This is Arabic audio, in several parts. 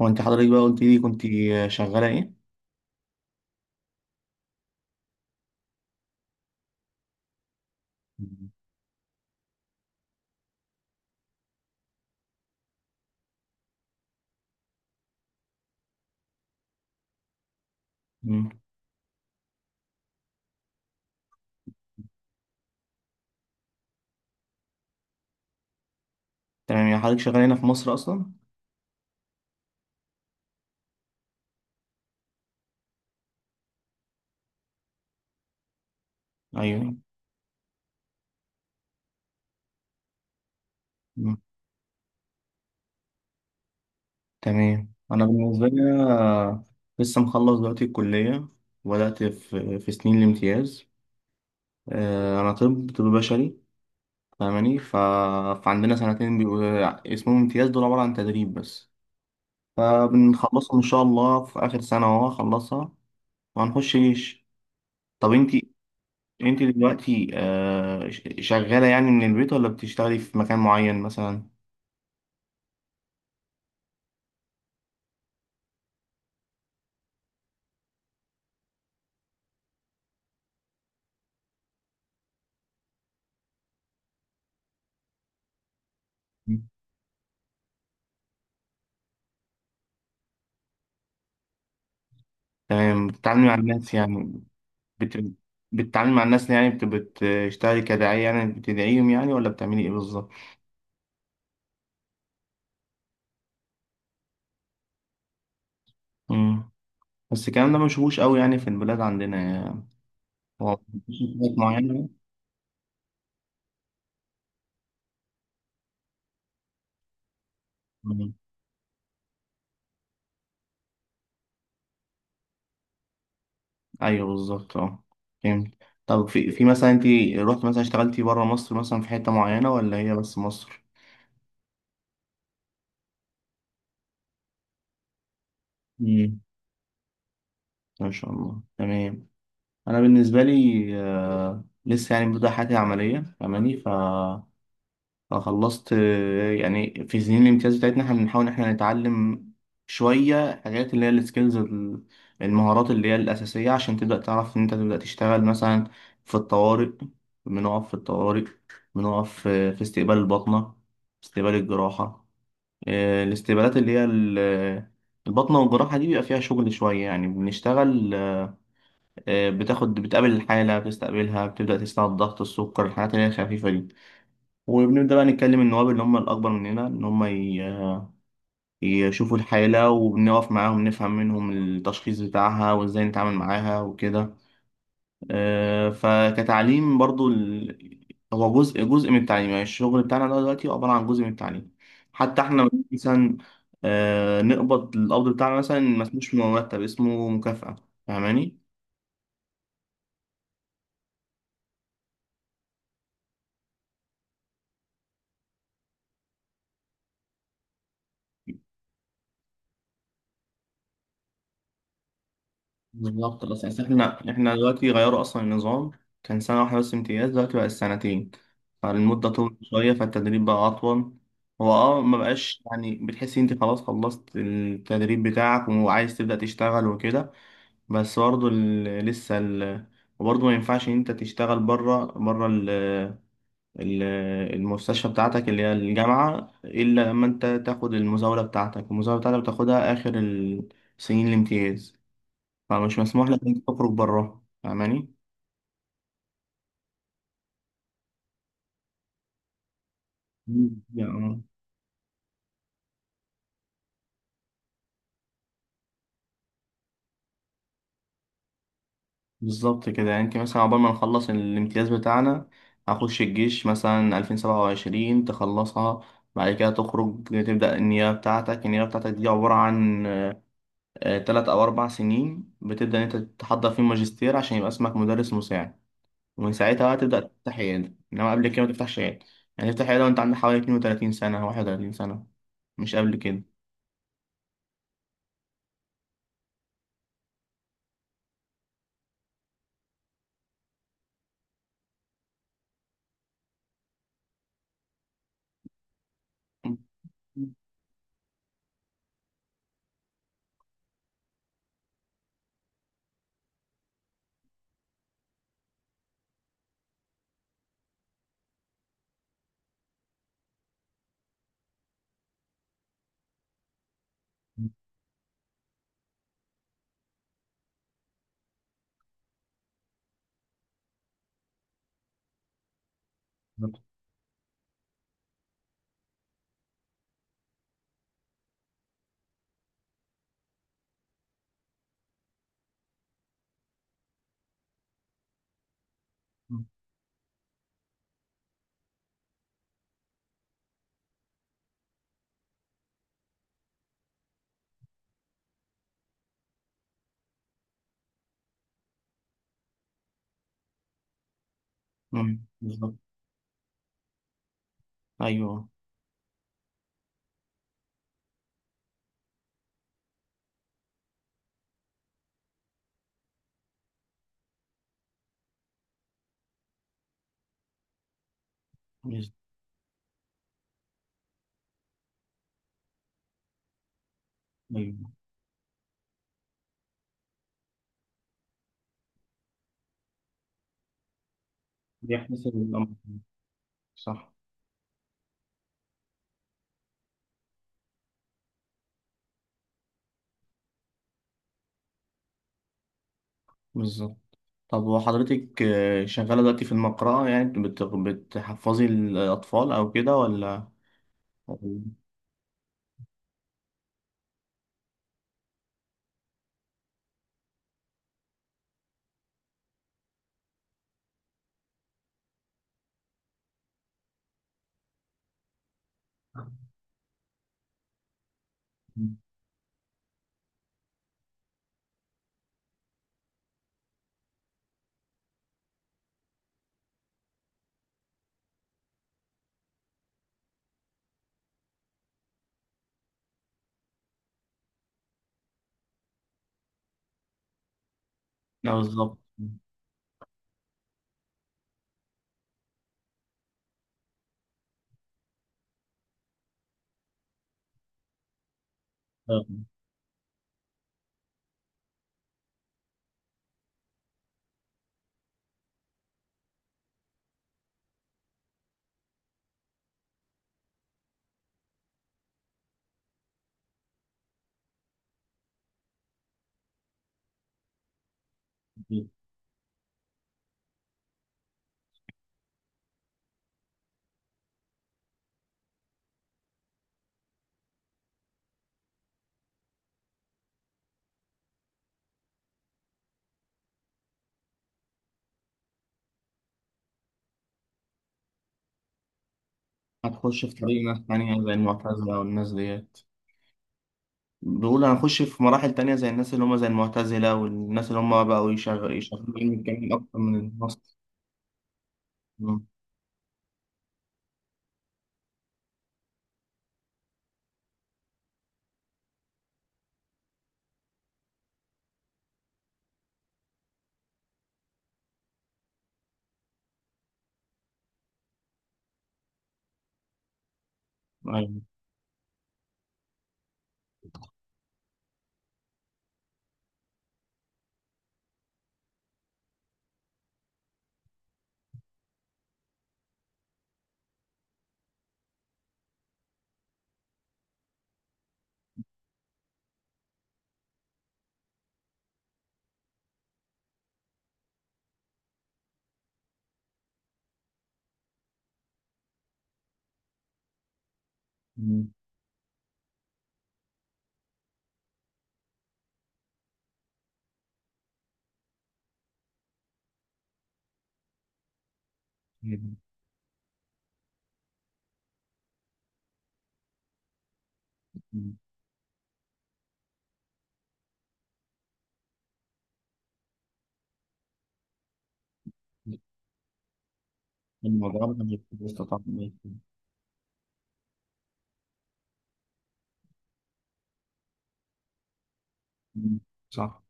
هو انت حضرتك بقى قلت لي كنت شغالة ايه؟ مم. تمام، يعني حضرتك شغالة هنا في مصر أصلا؟ أيوه. مم. تمام، أنا بالنسبة لي أنا لسه مخلص دلوقتي الكلية وبدأت في سنين الامتياز. أنا طب بشري، فاهماني؟ فعندنا سنتين بيبقوا اسمهم امتياز، دول عبارة عن تدريب بس. فبنخلصهم إن شاء الله في آخر سنة أهو هخلصها وهنخش جيش. طب أنت، انت دلوقتي شغالة يعني من البيت ولا بتشتغلي في مكان معين مثلا؟ تمام، بتتعاملي مع الناس يعني بت... بتتعاملي مع الناس يعني بتشتغلي كداعية يعني بتدعيهم يعني ولا بتعملي ايه بالظبط؟ مم. بس الكلام ده ما بنشوفوش قوي يعني في البلاد عندنا يعني. هو مفيش حاجات معينة؟ مم. ايوه بالظبط اه. فهمت. طب في مثلا انت رحت مثلا اشتغلتي بره مصر مثلا في حتة معينة ولا هي بس مصر؟ مم. ما شاء الله، تمام. انا بالنسبه لي لسه يعني ببدا حياتي عمليه، فاهماني؟ ف فخلصت، يعني في سنين الامتياز بتاعتنا احنا بنحاول ان احنا نتعلم شويه حاجات اللي هي السكيلز، المهارات اللي هي الاساسيه عشان تبدا تعرف ان انت تبدا تشتغل مثلا في الطوارئ. بنقف في الطوارئ، بنقف في استقبال البطنه، استقبال الجراحه. الاستقبالات اللي هي البطنه والجراحه دي بيبقى فيها شغل شويه يعني بنشتغل. بتاخد بتقابل الحالة بتستقبلها بتبدأ تسمع الضغط السكر الحاجات اللي هي الخفيفة دي. وبنبدأ بقى نتكلم النواب اللي هم الأكبر مننا إن هم يشوفوا الحالة وبنقف معاهم نفهم منهم التشخيص بتاعها وإزاي نتعامل معاها وكده. آه، فكتعليم برضو ال... هو جزء من التعليم، يعني الشغل بتاعنا ده دلوقتي عبارة عن جزء من التعليم. حتى احنا مثلا نقبض القبض بتاعنا مثلا ما اسموش مرتب، اسمه مكافأة، فاهماني؟ بالظبط، بس يعني احنا دلوقتي غيروا اصلا النظام. كان سنة واحدة بس امتياز، دلوقتي بقى السنتين، فالمدة طولت شوية فالتدريب بقى أطول. هو اه ما بقاش يعني بتحس انت خلاص خلصت التدريب بتاعك وعايز تبدأ تشتغل وكده، بس برضه وبرضه ما ينفعش ان انت تشتغل ال... المستشفى بتاعتك اللي هي الجامعة، إلا لما انت تاخد المزاولة بتاعتك. المزاولة بتاعتك بتاخدها آخر سنين الامتياز، فمش مسموح لك انك تخرج بره، فاهماني؟ مم. يعني بالظبط كده. يعني انت مثلا عقبال ما نخلص الامتياز بتاعنا، هخش الجيش مثلا 2027 تخلصها. بعد كده تخرج تبدأ النيابة بتاعتك. النيابة بتاعتك دي عبارة عن تلات أو أربع سنين بتبدأ إن أنت تحضر فيه ماجستير عشان يبقى اسمك مدرس مساعد. ومن ساعتها بقى تبدأ تفتح عيادة، إنما قبل كده ما تفتحش عيادة. يعني تفتح عيادة وأنت عندك حوالي 32 سنة، 31 سنة، مش قبل كده. مم. بالظبط. مم. بالظبط. ايوه. بز- ايوه، بيحتسب الامر. صح. بالظبط. طب وحضرتك شغاله دلوقتي في المقرأة يعني بتحفظي الاطفال او كده ولا؟ ولا- لا بالظبط، هتخش في طريق ناس تانية زي المعتزلة والناس ديت. بيقول هنخش في مراحل تانية زي الناس اللي هم زي المعتزلة والناس اللي هم بقوا يشغلوا علم الكلام أكتر من النص. مم. أيوه. مم. الموضوع ده مش بيستطاع. مم. صح.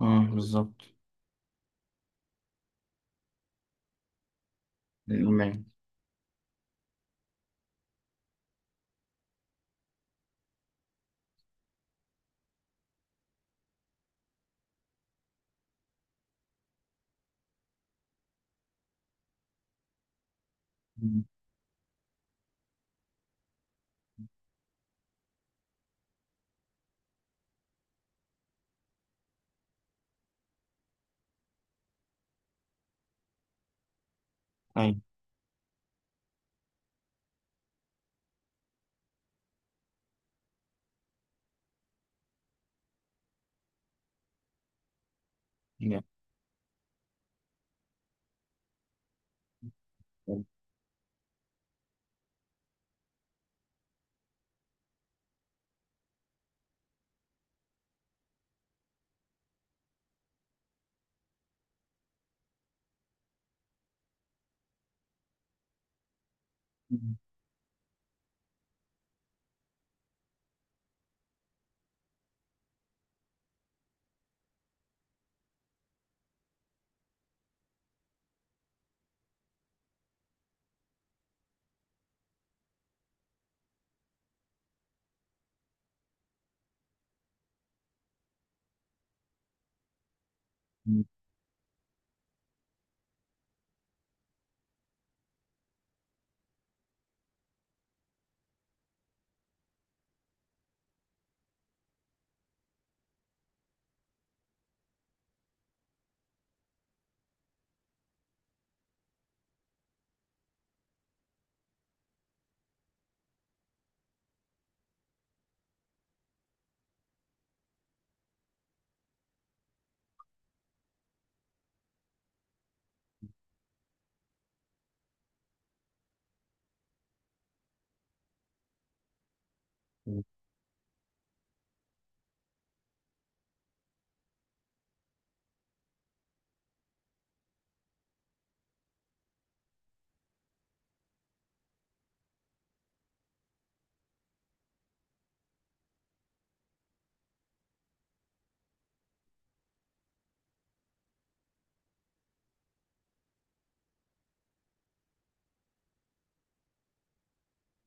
مم. بالظبط. الإيمان. مم. أيوه. جامد. مم.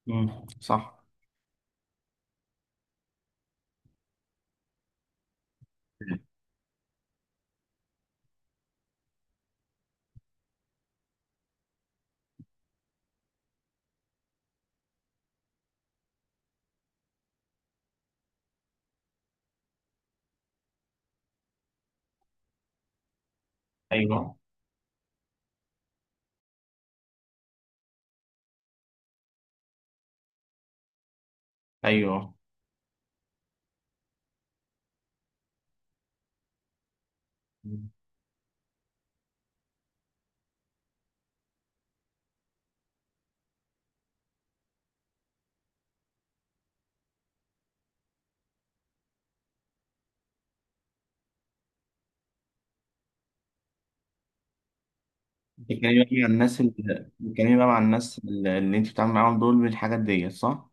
مم. صح. أيوه. أيوه. مم. بتتكلمي بقى مع الناس اللي بتتكلمي بقى مع الناس اللي أنت بتتعاملي معاهم دول بالحاجات ديت، صح؟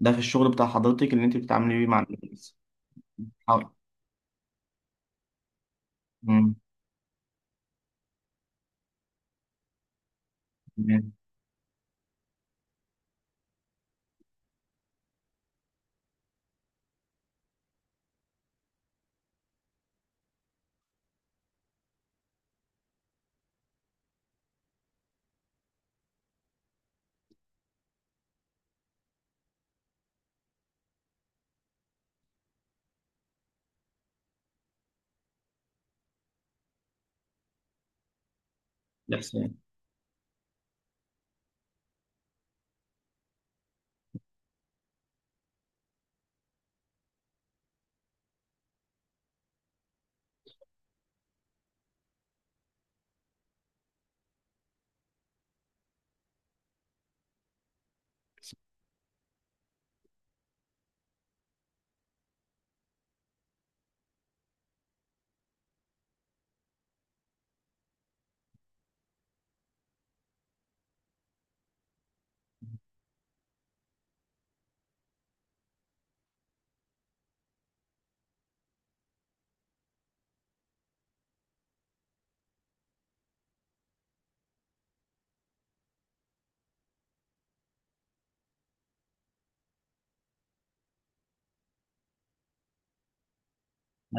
ده في الشغل بتاع حضرتك اللي أنت بتتعاملي بيه مع الناس. حاضر. مم. تمام. الإحسان.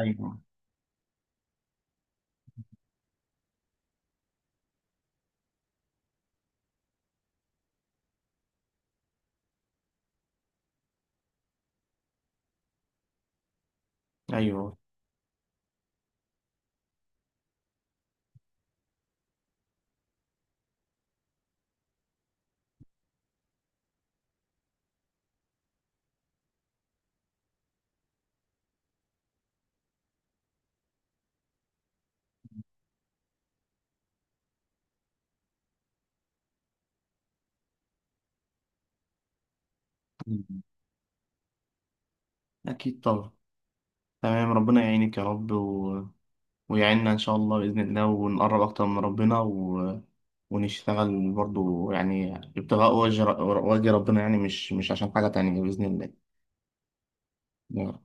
أيوه. أيوه. مم. أكيد طبعا. تمام، ربنا يعينك يا رب و... ويعيننا إن شاء الله بإذن الله ونقرب أكتر من ربنا و... ونشتغل برضو يعني ابتغاء وجه ربنا، يعني مش عشان حاجة تانية، بإذن الله.